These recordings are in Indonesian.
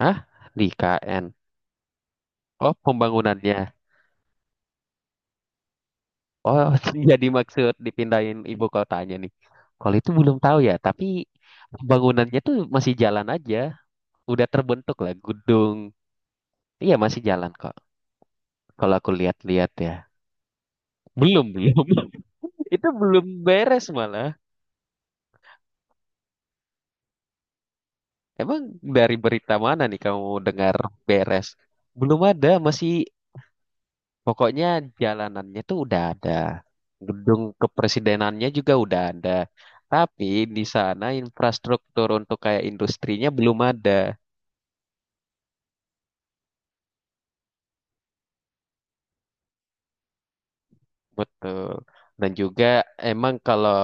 Hah? Di KN. Oh, pembangunannya. Oh, jadi maksud dipindahin ibu kotanya nih. Kalau itu belum tahu ya, tapi pembangunannya tuh masih jalan aja. Udah terbentuk lah gedung. Iya, masih jalan kok. Kalau aku lihat-lihat ya. Belum, belum. Itu belum beres malah. Emang dari berita mana nih kamu dengar beres? Belum ada, masih. Pokoknya jalanannya tuh udah ada. Gedung kepresidenannya juga udah ada. Tapi di sana infrastruktur untuk kayak industrinya belum ada. Betul. Dan juga emang kalau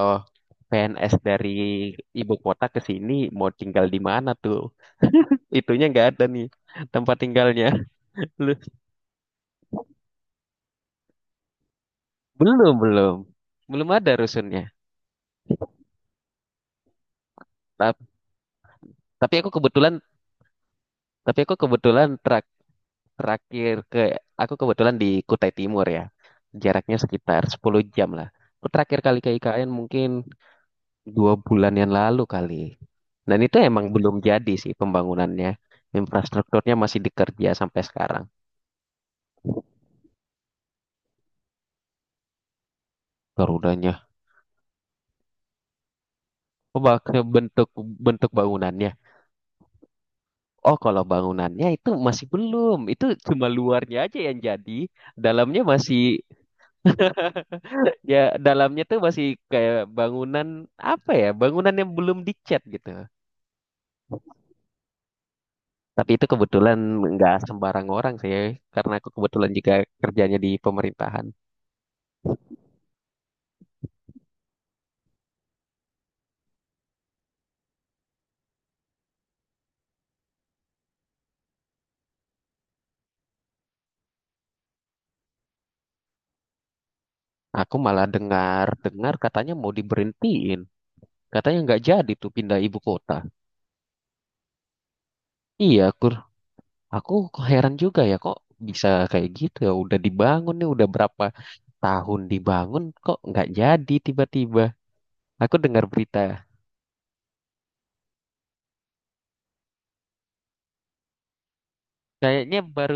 PNS dari ibu kota ke sini mau tinggal di mana tuh? Itunya nggak ada nih tempat tinggalnya. Lu- Belum, belum. Belum ada rusunnya. Ta- Tapi aku kebetulan, tapi aku kebetulan tra- Terakhir ke aku kebetulan di Kutai Timur ya. Jaraknya sekitar 10 jam lah. Aku terakhir kali ke IKN mungkin 2 bulan yang lalu kali. Dan itu emang belum jadi sih pembangunannya. Infrastrukturnya masih dikerja sampai sekarang. Garudanya. Oh, bentuk bentuk bangunannya. Oh, kalau bangunannya itu masih belum. Itu cuma luarnya aja yang jadi. Dalamnya masih, ya, dalamnya tuh masih kayak bangunan, apa ya? Bangunan yang belum dicat gitu. Tapi itu kebetulan nggak sembarang orang sih, karena aku kebetulan juga kerjanya di pemerintahan. Aku malah dengar-dengar katanya mau diberhentiin, katanya nggak jadi tuh pindah ibu kota. Iya, aku kok heran juga ya, kok bisa kayak gitu ya. Udah dibangun nih, udah berapa tahun dibangun kok nggak jadi tiba-tiba. Aku dengar berita, kayaknya baru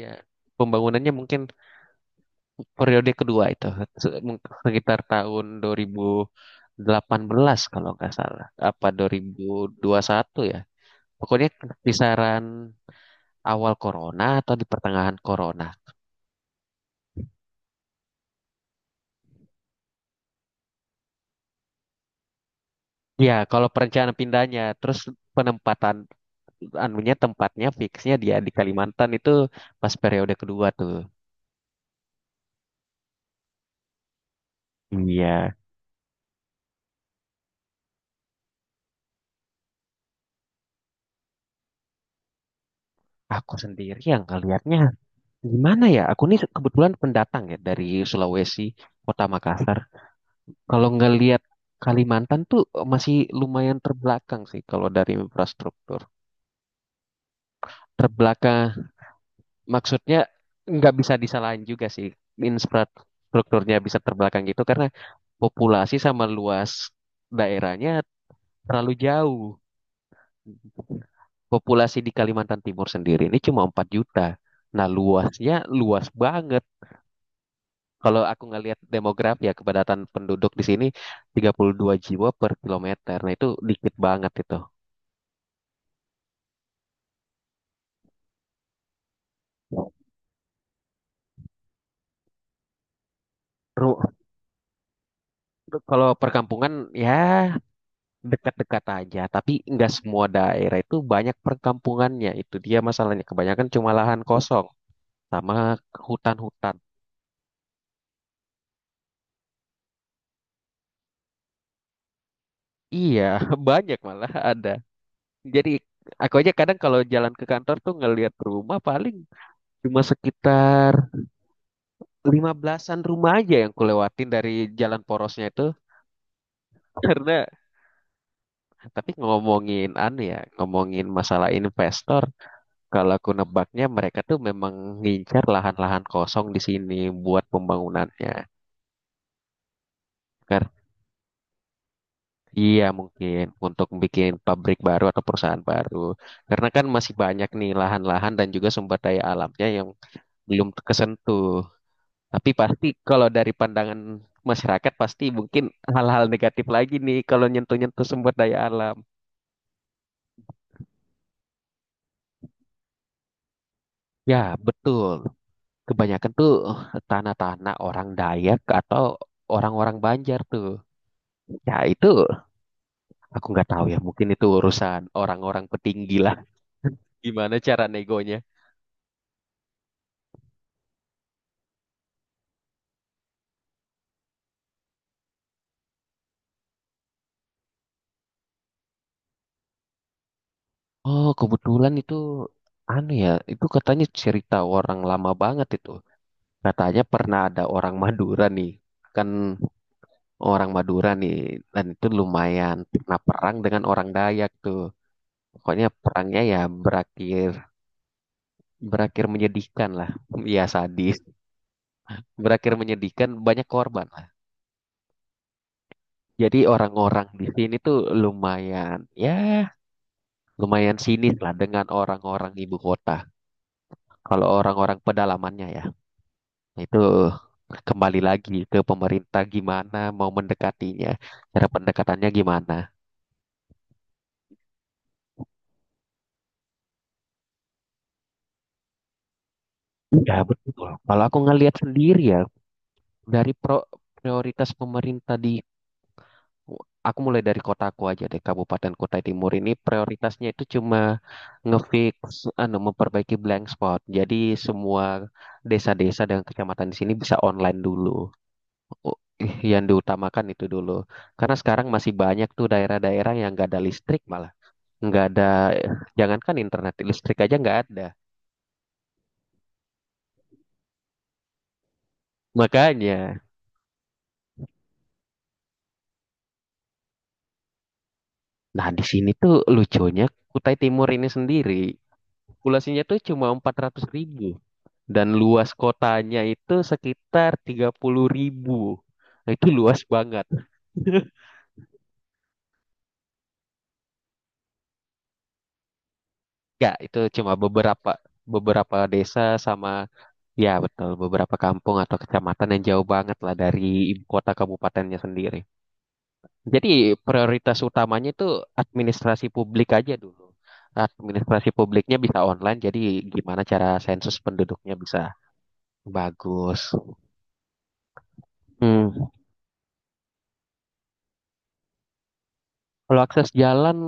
ya pembangunannya mungkin periode kedua itu sekitar tahun 2000 delapan belas kalau nggak salah. Apa 2001 ya? Pokoknya kisaran awal corona atau di pertengahan corona. Ya, kalau perencanaan pindahnya, terus penempatan anunya, tempatnya fixnya dia di Kalimantan itu pas periode kedua tuh. Iya, aku sendiri yang ngelihatnya gimana ya? Aku nih kebetulan pendatang ya dari Sulawesi, Kota Makassar. Kalau ngelihat Kalimantan tuh masih lumayan terbelakang sih kalau dari infrastruktur. Terbelakang maksudnya nggak bisa disalahin juga sih, infrastrukturnya bisa terbelakang gitu karena populasi sama luas daerahnya terlalu jauh. Populasi di Kalimantan Timur sendiri ini cuma 4 juta. Nah, luasnya luas banget. Kalau aku ngelihat demografi ya, kepadatan penduduk di sini 32 jiwa per kilometer. Nah, itu dikit banget itu. Ru- Kalau perkampungan ya dekat-dekat aja, tapi nggak semua daerah itu banyak perkampungannya. Itu dia masalahnya. Kebanyakan cuma lahan kosong sama hutan-hutan. Iya, banyak malah ada. Jadi aku aja kadang kalau jalan ke kantor tuh ngelihat rumah paling cuma sekitar 15-an rumah aja yang kulewatin dari jalan porosnya itu. Karena tapi ngomongin anu ya, ngomongin masalah investor, kalau aku nebaknya mereka tuh memang ngincar lahan-lahan kosong di sini buat pembangunannya. Kar- Iya mungkin untuk bikin pabrik baru atau perusahaan baru. Karena kan masih banyak nih lahan-lahan dan juga sumber daya alamnya yang belum kesentuh. Tapi pasti kalau dari pandangan masyarakat pasti mungkin hal-hal negatif lagi nih kalau nyentuh-nyentuh sumber daya alam. Ya betul. Kebanyakan tuh tanah-tanah orang Dayak atau orang-orang Banjar tuh. Ya itu aku nggak tahu ya, mungkin itu urusan orang-orang petinggi lah. Gimana cara negonya? Oh, kebetulan itu anu ya, itu katanya cerita orang lama banget itu. Katanya pernah ada orang Madura nih, kan orang Madura nih, dan itu lumayan pernah perang dengan orang Dayak tuh. Pokoknya perangnya ya berakhir berakhir menyedihkan lah, ya sadis. Berakhir menyedihkan, banyak korban lah. Jadi orang-orang di sini tuh lumayan, ya lumayan sinis lah dengan orang-orang ibu kota. Kalau orang-orang pedalamannya ya. Itu kembali lagi ke pemerintah gimana mau mendekatinya, cara pendekatannya gimana. Ya betul. Kalau aku ngelihat sendiri ya, dari prioritas pemerintah, di aku mulai dari kotaku aja deh, Kabupaten Kutai Timur ini prioritasnya itu cuma ngefix anu memperbaiki blank spot. Jadi semua desa-desa dan kecamatan di sini bisa online dulu. U- Yang diutamakan itu dulu. Karena sekarang masih banyak tuh daerah-daerah yang gak ada listrik malah. Nggak ada, jangankan internet, listrik aja nggak ada makanya. Nah, di sini tuh lucunya Kutai Timur ini sendiri populasinya tuh cuma 400.000 dan luas kotanya itu sekitar 30.000. Nah, itu luas banget. Nggak, itu cuma beberapa beberapa desa sama, ya betul, beberapa kampung atau kecamatan yang jauh banget lah dari ibu kota kabupatennya sendiri. Jadi prioritas utamanya itu administrasi publik aja dulu. Administrasi publiknya bisa online, jadi gimana cara sensus penduduknya bisa bagus. Hmm. Kalau akses jalan,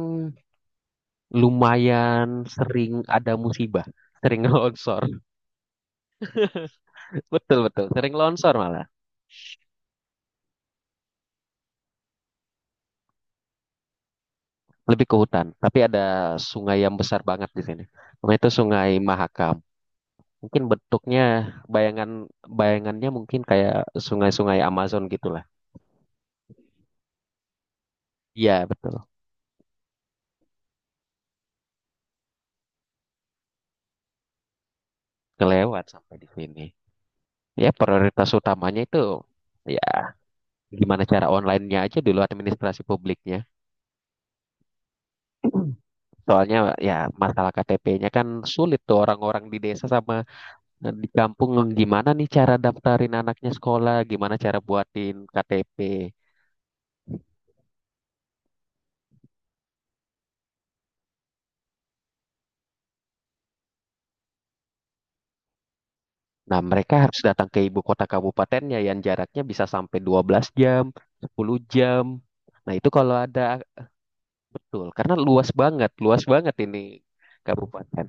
lumayan sering ada musibah, sering longsor. Betul, betul, sering longsor malah. Lebih ke hutan, tapi ada sungai yang besar banget di sini. Sungai itu Sungai Mahakam. Mungkin bentuknya, bayangan bayangannya mungkin kayak sungai-sungai Amazon gitulah. Iya, betul. Kelewat sampai di sini. Ya prioritas utamanya itu, ya, gimana cara online-nya aja dulu administrasi publiknya. Soalnya ya masalah KTP-nya kan sulit tuh, orang-orang di desa sama, di kampung, gimana nih cara daftarin anaknya sekolah, gimana cara buatin KTP. Nah, mereka harus datang ke ibu kota kabupatennya yang jaraknya bisa sampai 12 jam, 10 jam. Nah, itu kalau ada, betul, karena luas banget ini kabupaten.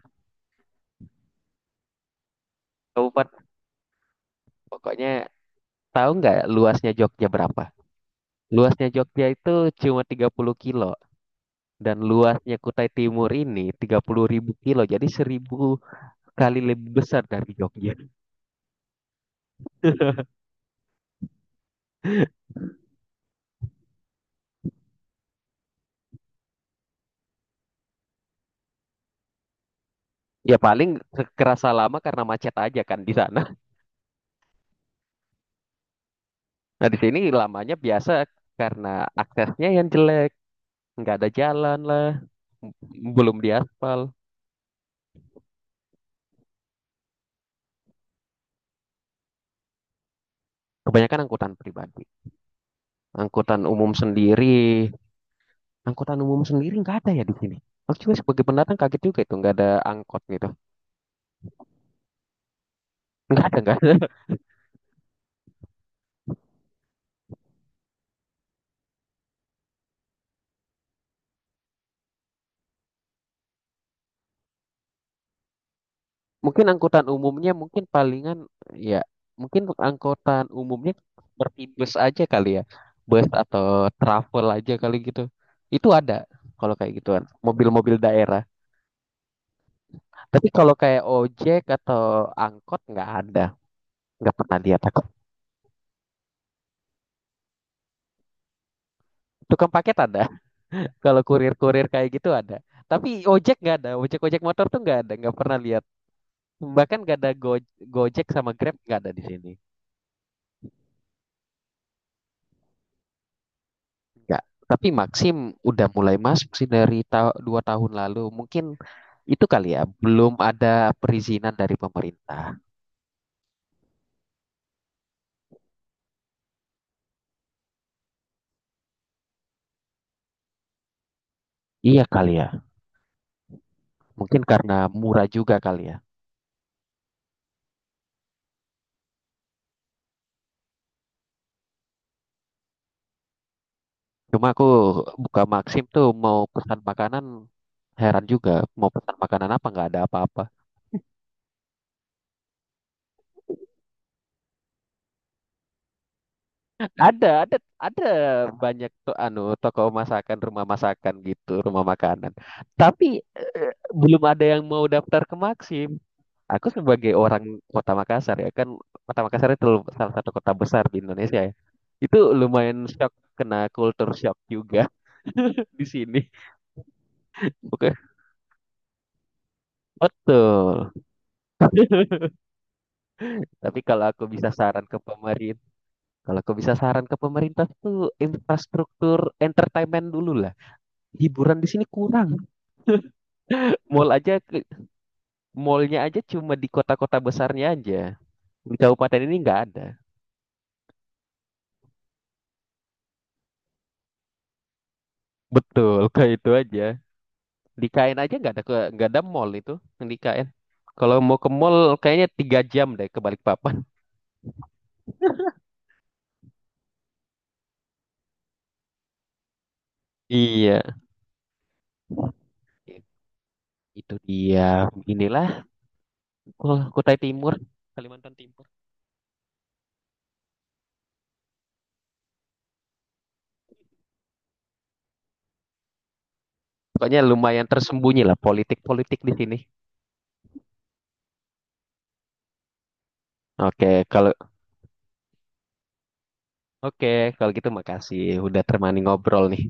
Kabupaten, pokoknya, tahu nggak luasnya Jogja berapa? Luasnya Jogja itu cuma 30 kilo dan luasnya Kutai Timur ini 30.000 kilo. Jadi 1.000 kali lebih besar dari Jogja. Ya paling kerasa lama karena macet aja kan di sana. Nah di sini lamanya biasa karena aksesnya yang jelek, nggak ada jalan lah, m- belum diaspal. Kebanyakan angkutan pribadi, angkutan umum sendiri, angkutan umum sendiri nggak ada ya di sini. Aku juga sebagai pendatang kaget juga itu nggak ada angkot gitu. Nggak ada, nggak ada. Mungkin angkutan umumnya, mungkin palingan, ya mungkin angkutan umumnya seperti bus aja kali ya. Bus atau travel aja kali gitu. Itu ada, kalau kayak gituan mobil-mobil daerah. Tapi kalau kayak ojek atau angkot nggak ada. Nggak pernah lihat aku. Tukang paket ada. Kalau kurir-kurir kayak gitu ada. Tapi ojek nggak ada. Ojek-ojek motor tuh nggak ada. Nggak pernah lihat. Bahkan nggak ada Gojek sama Grab nggak ada di sini. Enggak. Tapi Maxim udah mulai masuk sih dari 2 tahun lalu. Mungkin itu kali ya, belum ada perizinan dari pemerintah. Iya kali ya. Mungkin karena murah juga kali ya. Cuma aku buka Maxim tuh mau pesan makanan, heran juga. Mau pesan makanan apa nggak ada apa-apa. Ada banyak tuh anu toko masakan, rumah masakan gitu, rumah makanan. Tapi belum ada yang mau daftar ke Maxim. Aku sebagai orang Kota Makassar, ya kan Kota Makassar itu salah satu kota besar di Indonesia ya. Itu lumayan shock, kena culture shock juga di sini. Oke, betul. Tapi kalau aku bisa saran ke pemerintah tuh infrastruktur entertainment dulu lah. Hiburan di sini kurang. Mall aja, mallnya aja cuma di kota-kota besarnya aja. Di kabupaten ini nggak ada. Betul, kayak itu aja. Di KN aja nggak ada, ke nggak ada mall itu yang di KN. Kalau mau ke mall kayaknya 3 jam deh ke Balikpapan. Iya, itu dia. Inilah Kutai Timur, Kalimantan Timur. Pokoknya lumayan tersembunyi lah politik-politik di sini. Oke, kalau oke, kalau gitu makasih udah temani ngobrol nih.